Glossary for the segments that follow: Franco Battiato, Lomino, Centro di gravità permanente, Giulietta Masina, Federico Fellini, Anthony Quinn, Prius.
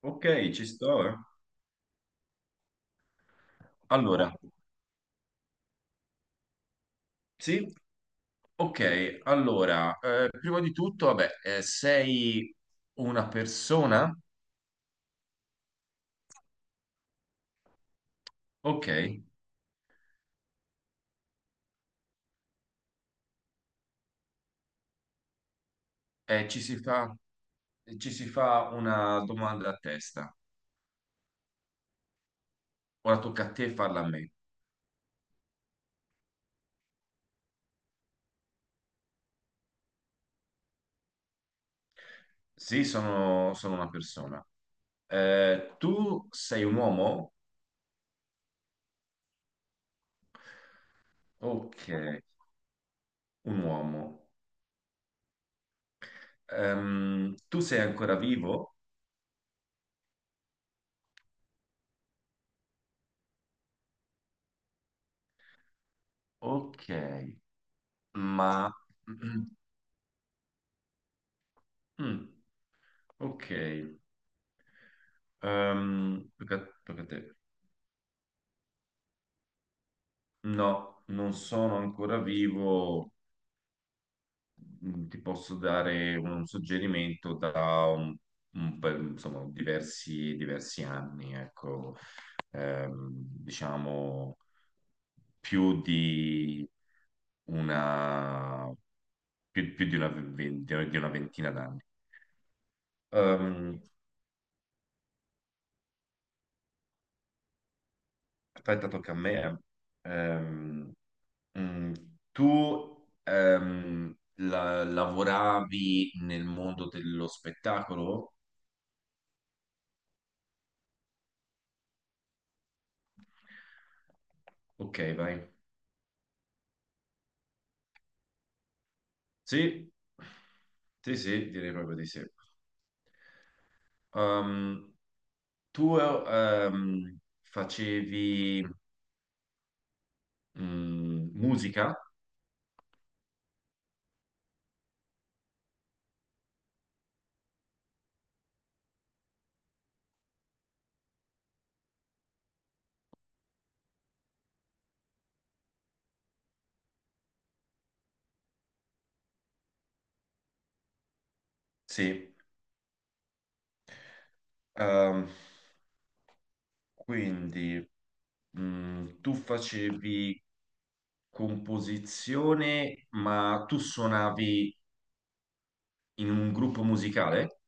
Ok, ci sto. Allora, sì, ok, allora, prima di tutto, vabbè, sei una persona? Ok, ci si fa, ci si fa una domanda a testa. Ora tocca a te farla a me. Sì, sono una persona. Tu sei un uomo? Ok, un uomo. Tu sei ancora vivo? Ok, ma... Mm, mm, mm, ok. Ehm, perché- perché te- no, non sono ancora vivo. Mm, ti posso dare un suggerimento da insomma, diversi anni, ecco. Diciamo più di una, più di una, di una ventina d'anni. Ehm, aspetta, tocca a me. eh. Ehm, Mm, tu lavoravi nel mondo dello spettacolo? Ok, vai. Sì, sì, direi proprio di sì. Um, tu facevi musica? Sì. Um, quindi tu facevi composizione, ma tu suonavi in un gruppo musicale?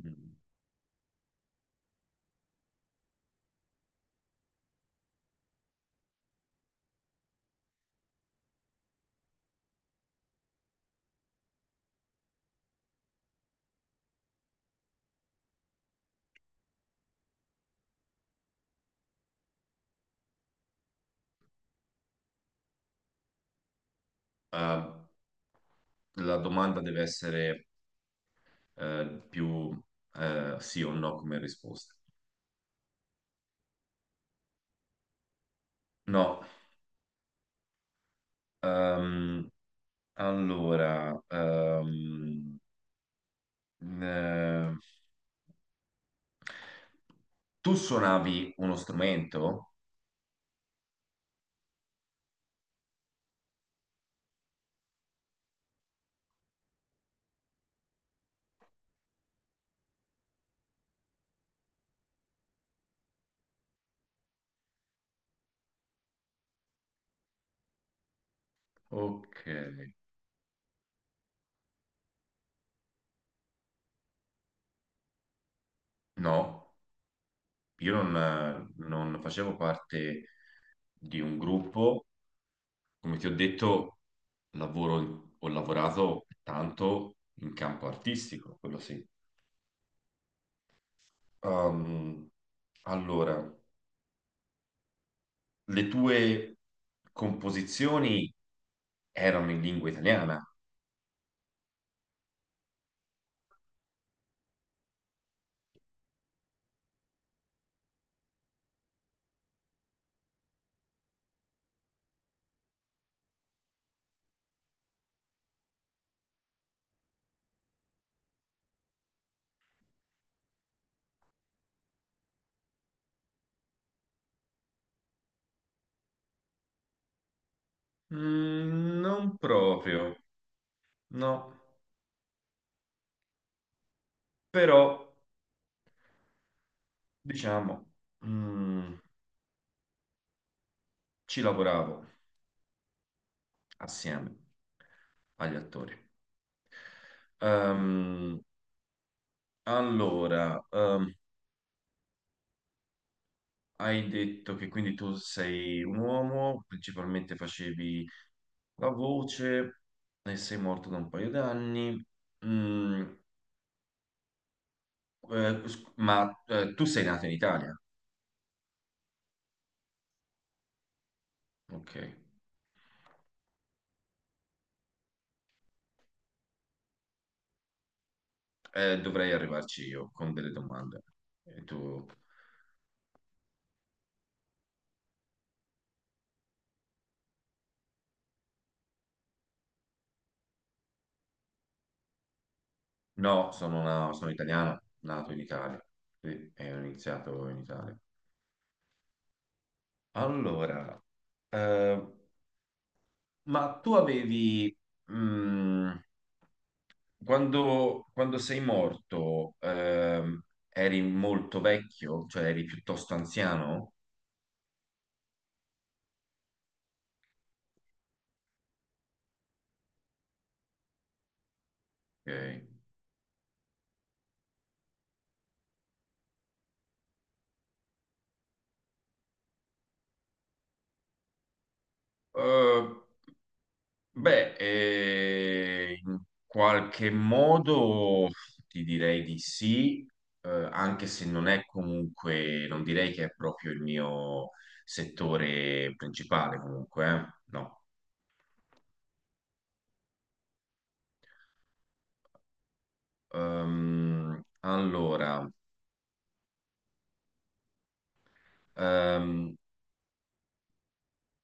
Mm. Eh, la domanda deve essere più sì o no come risposta. No, ehm, allora, eh, tu suonavi uno strumento? Ok, no, io non, non facevo parte di un gruppo, come ti ho detto, lavoro, ho lavorato tanto in campo artistico, quello sì. Ehm, allora, le tue composizioni erano in lingua italiana? Mm, non proprio, no, però diciamo, mm, ci lavoravo assieme agli attori. Ehm, allora, hai detto che quindi tu sei un uomo, principalmente facevi la voce e sei morto da un paio d'anni. Mm, ma tu sei nato in Italia? Ok. Dovrei arrivarci io con delle domande. E tu? No, sono italiano, nato in Italia. Sì, e ho iniziato in Italia. Allora, eh, ma tu avevi, mm, quando sei morto, eri molto vecchio, cioè eri piuttosto anziano? Ok. Eh, beh, in qualche modo ti direi di sì, anche se non è comunque, non direi che è proprio il mio settore principale comunque, no. Allora, ehm,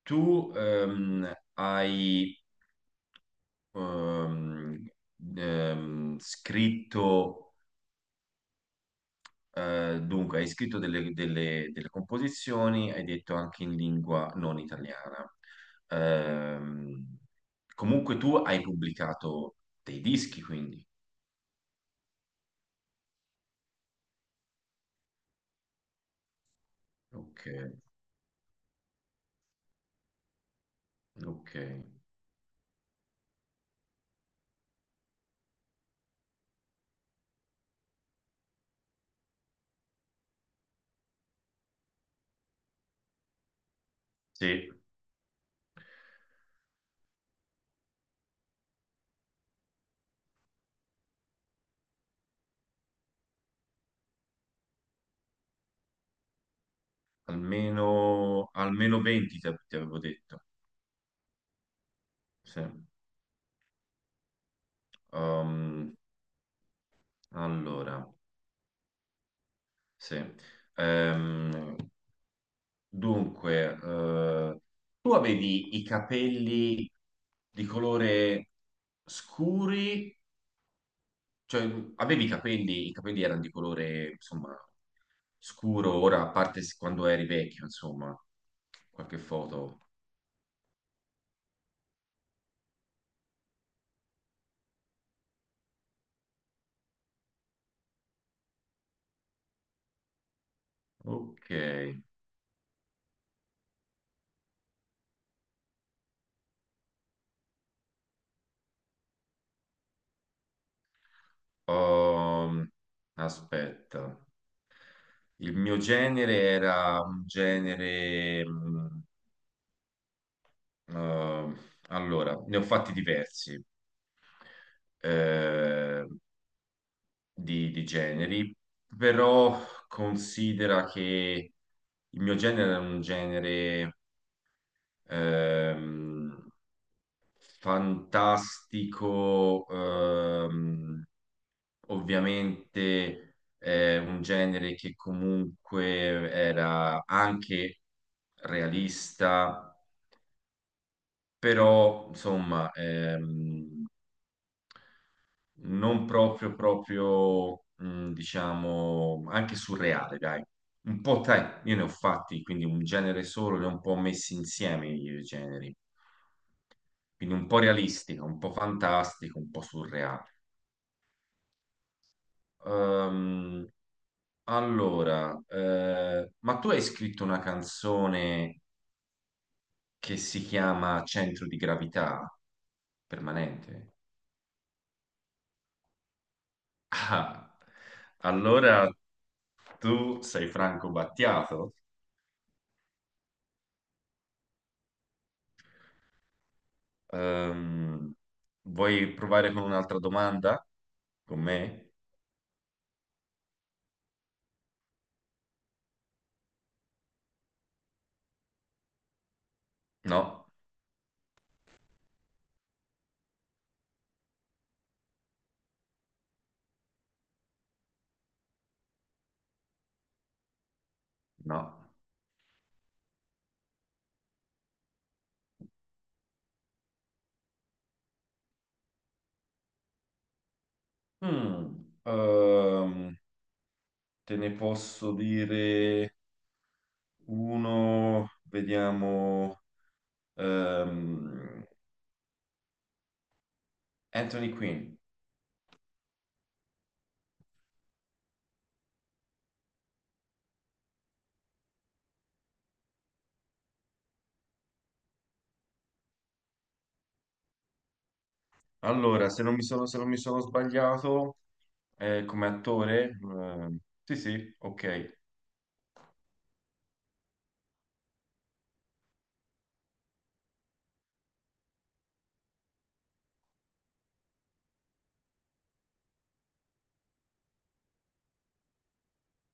tu hai ehm, scritto eh, dunque, hai scritto delle composizioni, hai detto anche in lingua non italiana. Ehm, comunque tu hai pubblicato dei dischi, quindi. Ok, ok. Sì, almeno 20 ti avevo detto. Sì. Ehm, allora, sì. Ehm, dunque, tu avevi i capelli di colore scuri. Cioè, avevi i capelli erano di colore, insomma, scuro, ora, a parte quando eri vecchio, insomma, qualche foto. Ok. Um, aspetta. Il mio genere era un genere... eh, allora, ne ho fatti diversi eh, di generi, però considera che il mio genere era un genere... ehm, fantastico, ovviamente è un genere che comunque era anche realista, però insomma non proprio, diciamo, anche surreale, dai. Un po', dai, io ne ho fatti, quindi un genere solo, li ho un po' messi insieme i generi, quindi un po' realistico, un po' fantastico, un po' surreale. Ehm, allora, ma tu hai scritto una canzone che si chiama Centro di gravità permanente? Ah, allora tu sei Franco Battiato? Ehm, vuoi provare con un'altra domanda? Con me? No, no. Mm, te ne posso dire uno, vediamo. ehm, Anthony Quinn. Allora, se non mi sono sbagliato, come attore, sì, sì, ok.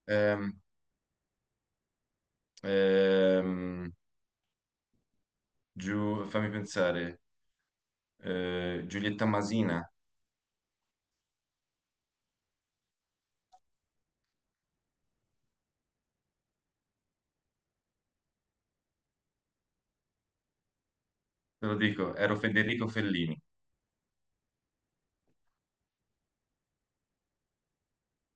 Ehm, ehm, giù, fammi pensare, Giulietta Masina, te lo dico, ero Federico Fellini.